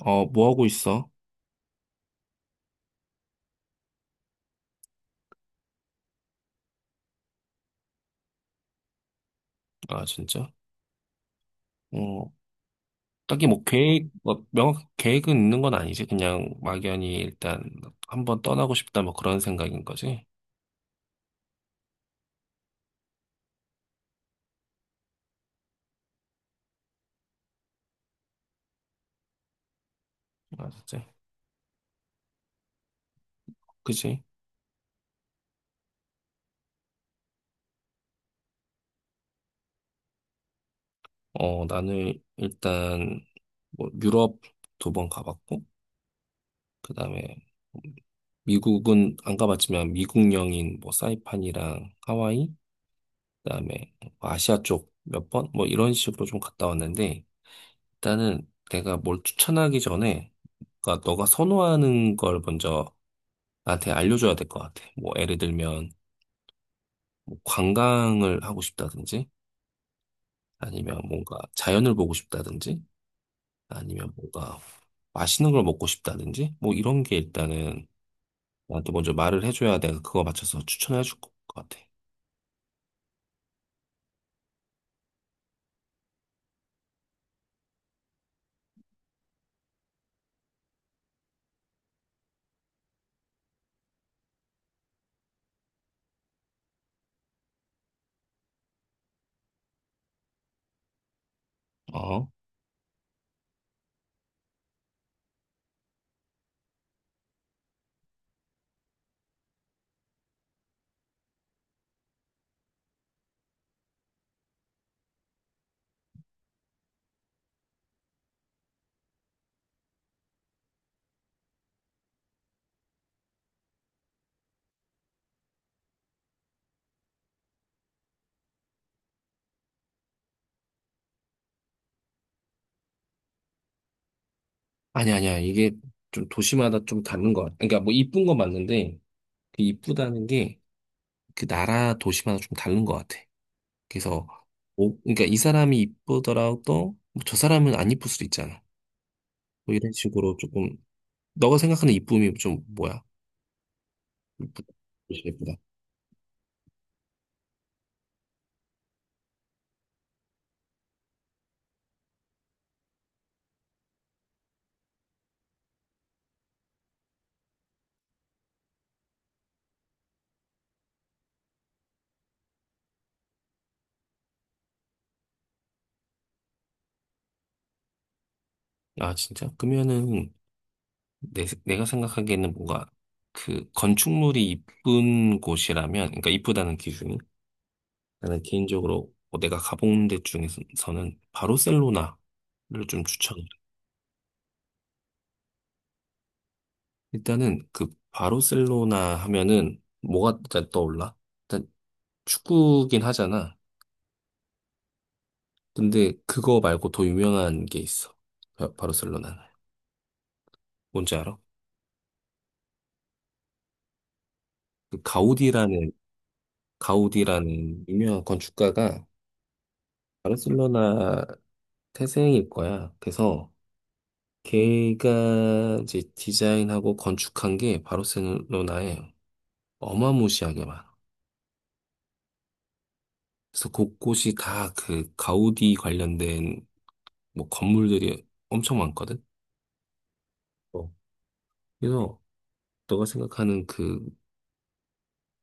뭐 하고 있어? 아, 진짜? 어, 딱히 뭐 명확한 계획은 있는 건 아니지. 그냥 막연히 일단 한번 떠나고 싶다 뭐 그런 생각인 거지. 아, 진짜? 그지? 나는 일단 뭐 유럽 두 번 가봤고, 그 다음에 미국은 안 가봤지만 미국령인 뭐 사이판이랑 하와이, 그 다음에 아시아 쪽 몇 번? 뭐 이런 식으로 좀 갔다 왔는데, 일단은 내가 뭘 추천하기 전에, 그러니까 너가 선호하는 걸 먼저 나한테 알려줘야 될 것 같아. 뭐, 예를 들면, 뭐 관광을 하고 싶다든지, 아니면 뭔가 자연을 보고 싶다든지, 아니면 뭔가 맛있는 걸 먹고 싶다든지, 뭐, 이런 게 일단은 나한테 먼저 말을 해줘야 내가 그거 맞춰서 추천해 줄 것 같아. 어? 아니, 아니야. 이게 좀 도시마다 좀 다른 것 같아. 그러니까 뭐, 이쁜 건 맞는데, 그 이쁘다는 게 그 나라 도시마다 좀 다른 것 같아. 그래서, 뭐, 그러니까 이 사람이 이쁘더라도, 뭐저 사람은 안 이쁠 수도 있잖아. 뭐 이런 식으로 조금 너가 생각하는 이쁨이 좀 뭐야? 이쁘- 예쁘다. 아, 진짜? 그러면은 내가 생각하기에는 뭔가 그 건축물이 이쁜 곳이라면, 그러니까 이쁘다는 기준이 나는 개인적으로 뭐 내가 가본 데 중에서는 바르셀로나를 좀 추천해. 일단은 그 바르셀로나 하면은 뭐가 일단 떠올라? 일단 축구긴 하잖아. 근데 그거 말고 더 유명한 게 있어. 바르셀로나는. 뭔지 알아? 그 가우디라는 유명한 건축가가 바르셀로나 태생일 거야. 그래서 걔가 이제 디자인하고 건축한 게 바르셀로나에 어마무시하게 많아. 그래서 곳곳이 다 그 가우디 관련된 뭐 건물들이 엄청 많거든. 어. 그래서 너가 생각하는 그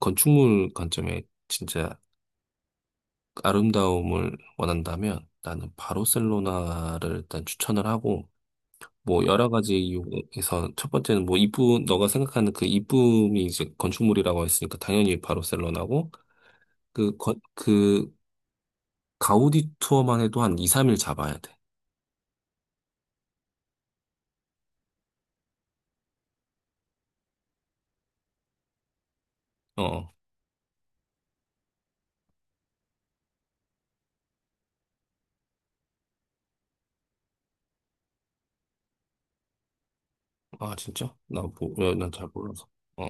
건축물 관점에 진짜 아름다움을 원한다면 나는 바르셀로나를 일단 추천을 하고, 뭐 여러 가지 이유에서 첫 번째는 뭐 이쁨, 너가 생각하는 그 이쁨이 이제 건축물이라고 했으니까 당연히 바르셀로나고 그 가우디 투어만 해도 한 2, 3일 잡아야 돼. 어. 아, 진짜? 나 뭐, 난잘 몰라서. 어.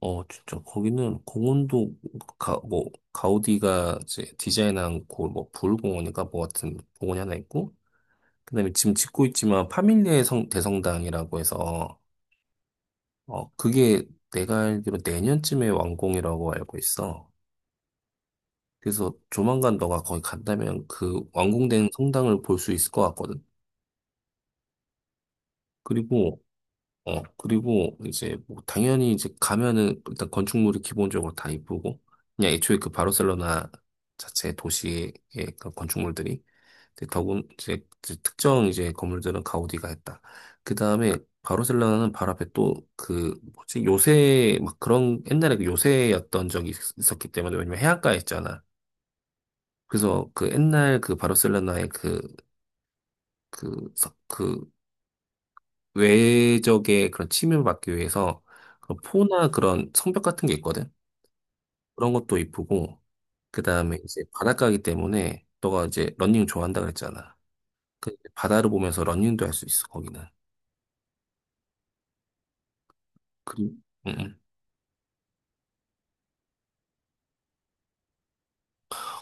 어, 진짜 거기는 공원도 뭐 가우디가 이제 디자인한 그뭐 부울공원인가 뭐 같은 공원이 하나 있고 그다음에 지금 짓고 있지만 파밀리의 성 대성당이라고 해서, 그게 내가 알기로 내년쯤에 완공이라고 알고 있어. 그래서 조만간 너가 거기 간다면 그 완공된 성당을 볼 수 있을 것 같거든. 그리고, 그리고 이제 뭐 당연히 이제 가면은 일단 건축물이 기본적으로 다 이쁘고, 그냥 애초에 그 바르셀로나 자체 도시의 그 건축물들이 이제 더군 이제 특정 이제 건물들은 가우디가 했다. 그 다음에 바르셀로나는 바로 앞에 또 그 뭐지 요새 막 그런 옛날에 그 요새였던 적이 있었기 때문에, 왜냐면 해안가에 있잖아. 그래서 그 옛날 그 바르셀로나의 그 그 외적의 그런 침입을 막기 위해서 그런 포나 그런 성벽 같은 게 있거든. 그런 것도 이쁘고 그 다음에 이제 바닷가이기 때문에 너가 이제 러닝 좋아한다 그랬잖아. 그 바다를 보면서 러닝도 할 수 있어 거기는. 그, 음.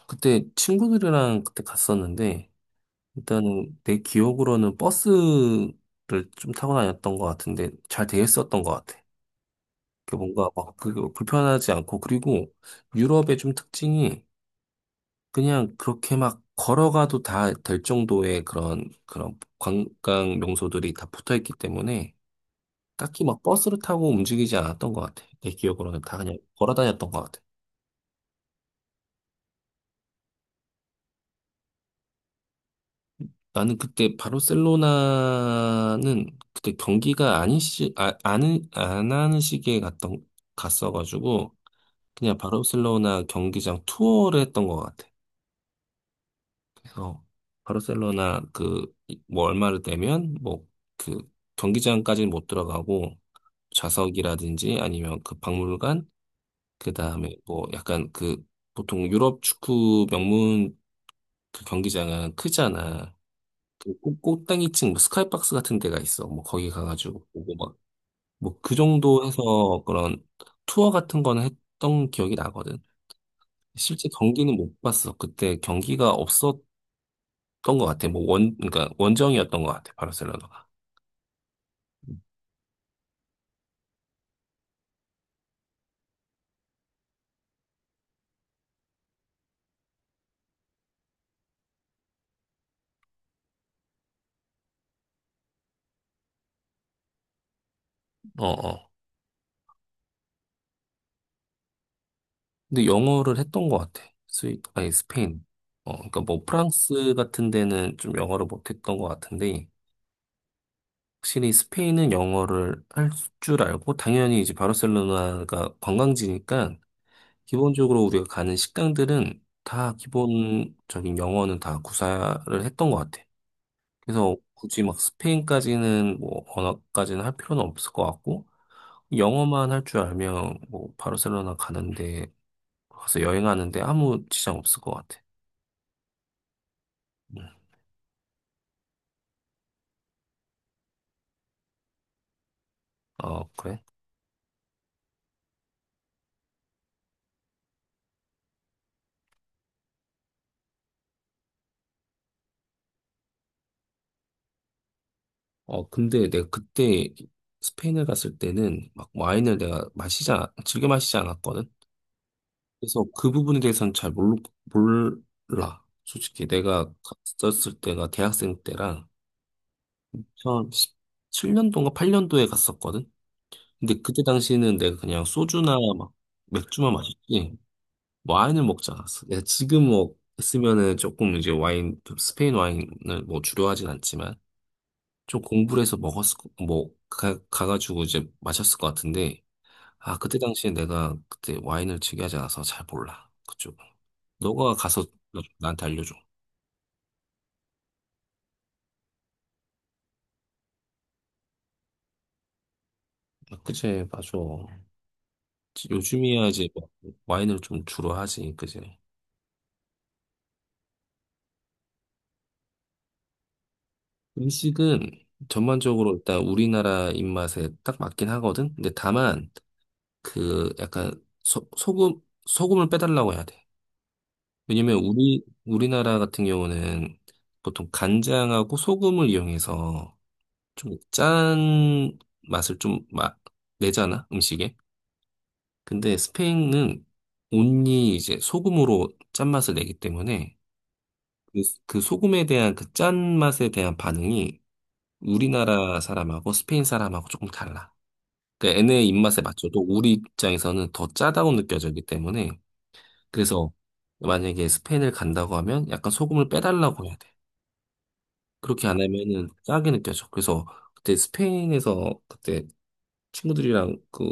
그때 친구들이랑 그때 갔었는데, 일단은 내 기억으로는 버스를 좀 타고 다녔던 것 같은데, 잘 되어 있었던 것 같아. 그 뭔가 막 그 불편하지 않고, 그리고 유럽의 좀 특징이 그냥 그렇게 막 걸어가도 다 될 정도의 그런 관광 명소들이 다 붙어 있기 때문에 딱히 막 버스를 타고 움직이지 않았던 것 같아. 내 기억으로는 다 그냥 걸어 다녔던 것 같아. 나는 그때 바르셀로나는 그때 경기가 아닌 시, 아, 안안 하는 시기에 갔어가지고 그냥 바르셀로나 경기장 투어를 했던 것 같아. 그래서 바르셀로나 그, 뭐 얼마를 내면 뭐 그 경기장까지는 못 들어가고 좌석이라든지 아니면 그 박물관, 그 다음에 뭐 약간 그 보통 유럽 축구 명문 그 경기장은 크잖아. 그 꼭대기층 뭐 스카이박스 같은 데가 있어. 뭐 거기 가가지고 보고 막 뭐 그 정도 해서 그런 투어 같은 거는 했던 기억이 나거든. 실제 경기는 못 봤어. 그때 경기가 없었던 것 같아. 뭐 그러니까 원정이었던 것 같아. 바르셀로나가. 음. 어, 어. 근데 영어를 했던 것 같아. 아니, 스페인. 그러니까 뭐 프랑스 같은 데는 좀 영어를 못했던 것 같은데, 확실히 스페인은 영어를 할 줄 알고, 당연히 이제 바르셀로나가 관광지니까, 기본적으로 우리가 가는 식당들은 다 기본적인 영어는 다 구사를 했던 것 같아. 그래서 굳이 막 스페인까지는 뭐 언어까지는 할 필요는 없을 것 같고, 영어만 할 줄 알면 뭐 바르셀로나 가는데, 가서 여행하는데 아무 지장 없을 것 같아. 아, 그래? 근데 내가 그때 스페인을 갔을 때는 막 와인을 내가 즐겨 마시지 않았거든? 그래서 그 부분에 대해서는 잘 몰라. 솔직히 내가 갔었을 때가 대학생 때랑 2017년도인가 8년도에 갔었거든? 근데 그때 당시에는 내가 그냥 소주나 막 맥주만 마셨지, 와인을 먹지 않았어. 내가 지금 뭐, 했으면은 조금 이제 와인, 스페인 와인을 뭐 주려하진 않지만, 좀 공부를 해서 먹었을, 가가지고 이제 마셨을 것 같은데, 아, 그때 당시에 내가 그때 와인을 즐겨하지 않아서 잘 몰라. 그쪽은. 너가 가서 나한테 알려줘. 아, 그치, 맞아. 요즘이야 이제 뭐 와인을 좀 주로 하지, 그치. 음식은 전반적으로 일단 우리나라 입맛에 딱 맞긴 하거든? 근데 다만, 그 약간 소, 소금, 소금을 빼달라고 해야 돼. 왜냐면 우리나라 같은 경우는 보통 간장하고 소금을 이용해서 좀 짠 맛을 좀 내잖아 음식에. 근데 스페인은 온리 이제 소금으로 짠맛을 내기 때문에 그 소금에 대한 그 짠맛에 대한 반응이 우리나라 사람하고 스페인 사람하고 조금 달라. 그러니까 얘네 입맛에 맞춰도 우리 입장에서는 더 짜다고 느껴지기 때문에 그래서 만약에 스페인을 간다고 하면 약간 소금을 빼달라고 해야 돼. 그렇게 안 하면은 짜게 느껴져. 그래서 그때 스페인에서 그때 친구들이랑 그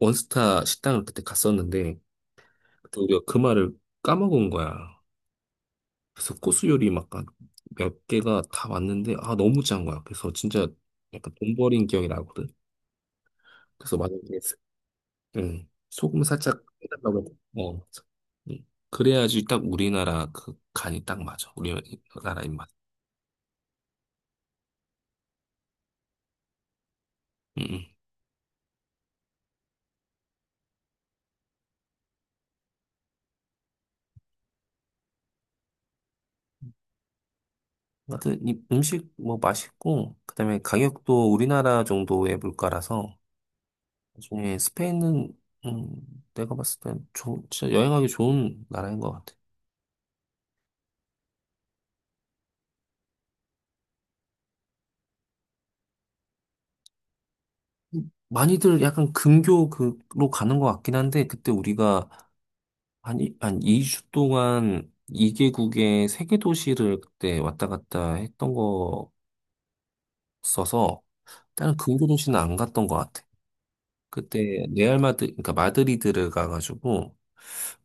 원스타 식당을 그때 갔었는데 그때 우리가 그 말을 까먹은 거야. 그래서 코스 요리 막몇 개가 다 왔는데 아 너무 짠 거야. 그래서 진짜 약간 돈 버린 기억이 나거든. 그래서 만약에. 응, 소금 살짝 해달라고 응. 그래야지 딱 우리나라 그 간이 딱 맞아. 우리나라 입맛. 응, 응. 하여튼 이 음식 뭐 맛있고 그다음에 가격도 우리나라 정도의 물가라서 나중에 스페인은 내가 봤을 땐 진짜 여행하기 좋은 나라인 것 같아. 많이들 약간 근교 그로 가는 것 같긴 한데 그때 우리가 한 2주 동안 2개국의 세개 도시를 그때 왔다 갔다 했던 거 써서 다른 근교 도시는 안 갔던 것 같아. 그때 레알 마드 그러니까 마드리드를 가가지고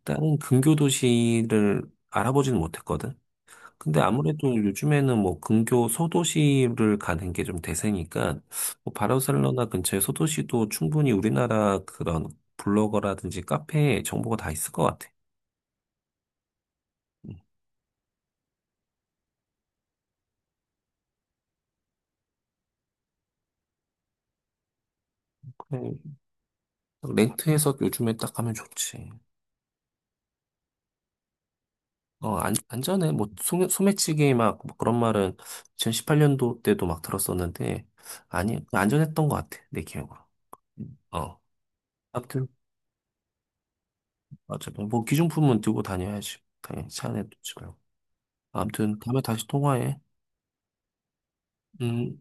다른 근교 도시를 알아보지는 못했거든. 근데 아무래도 요즘에는 뭐 근교 소도시를 가는 게 좀 대세니까 뭐 바르셀로나 근처의 소도시도 충분히 우리나라 그런 블로거라든지 카페에 정보가 다 있을 것 같아. 음, 그래. 렌트해서 요즘에 딱 가면 좋지. 어, 안, 안전해. 뭐, 소매치기 막, 뭐 그런 말은 2018년도 때도 막 들었었는데, 아니, 안전했던 것 같아. 내 기억으로. 어. 아무튼, 어쨌든, 뭐, 기준품은 들고 다녀야지. 당연히 차 안에 두지 말고. 아무튼, 다음에 다시 통화해. 음.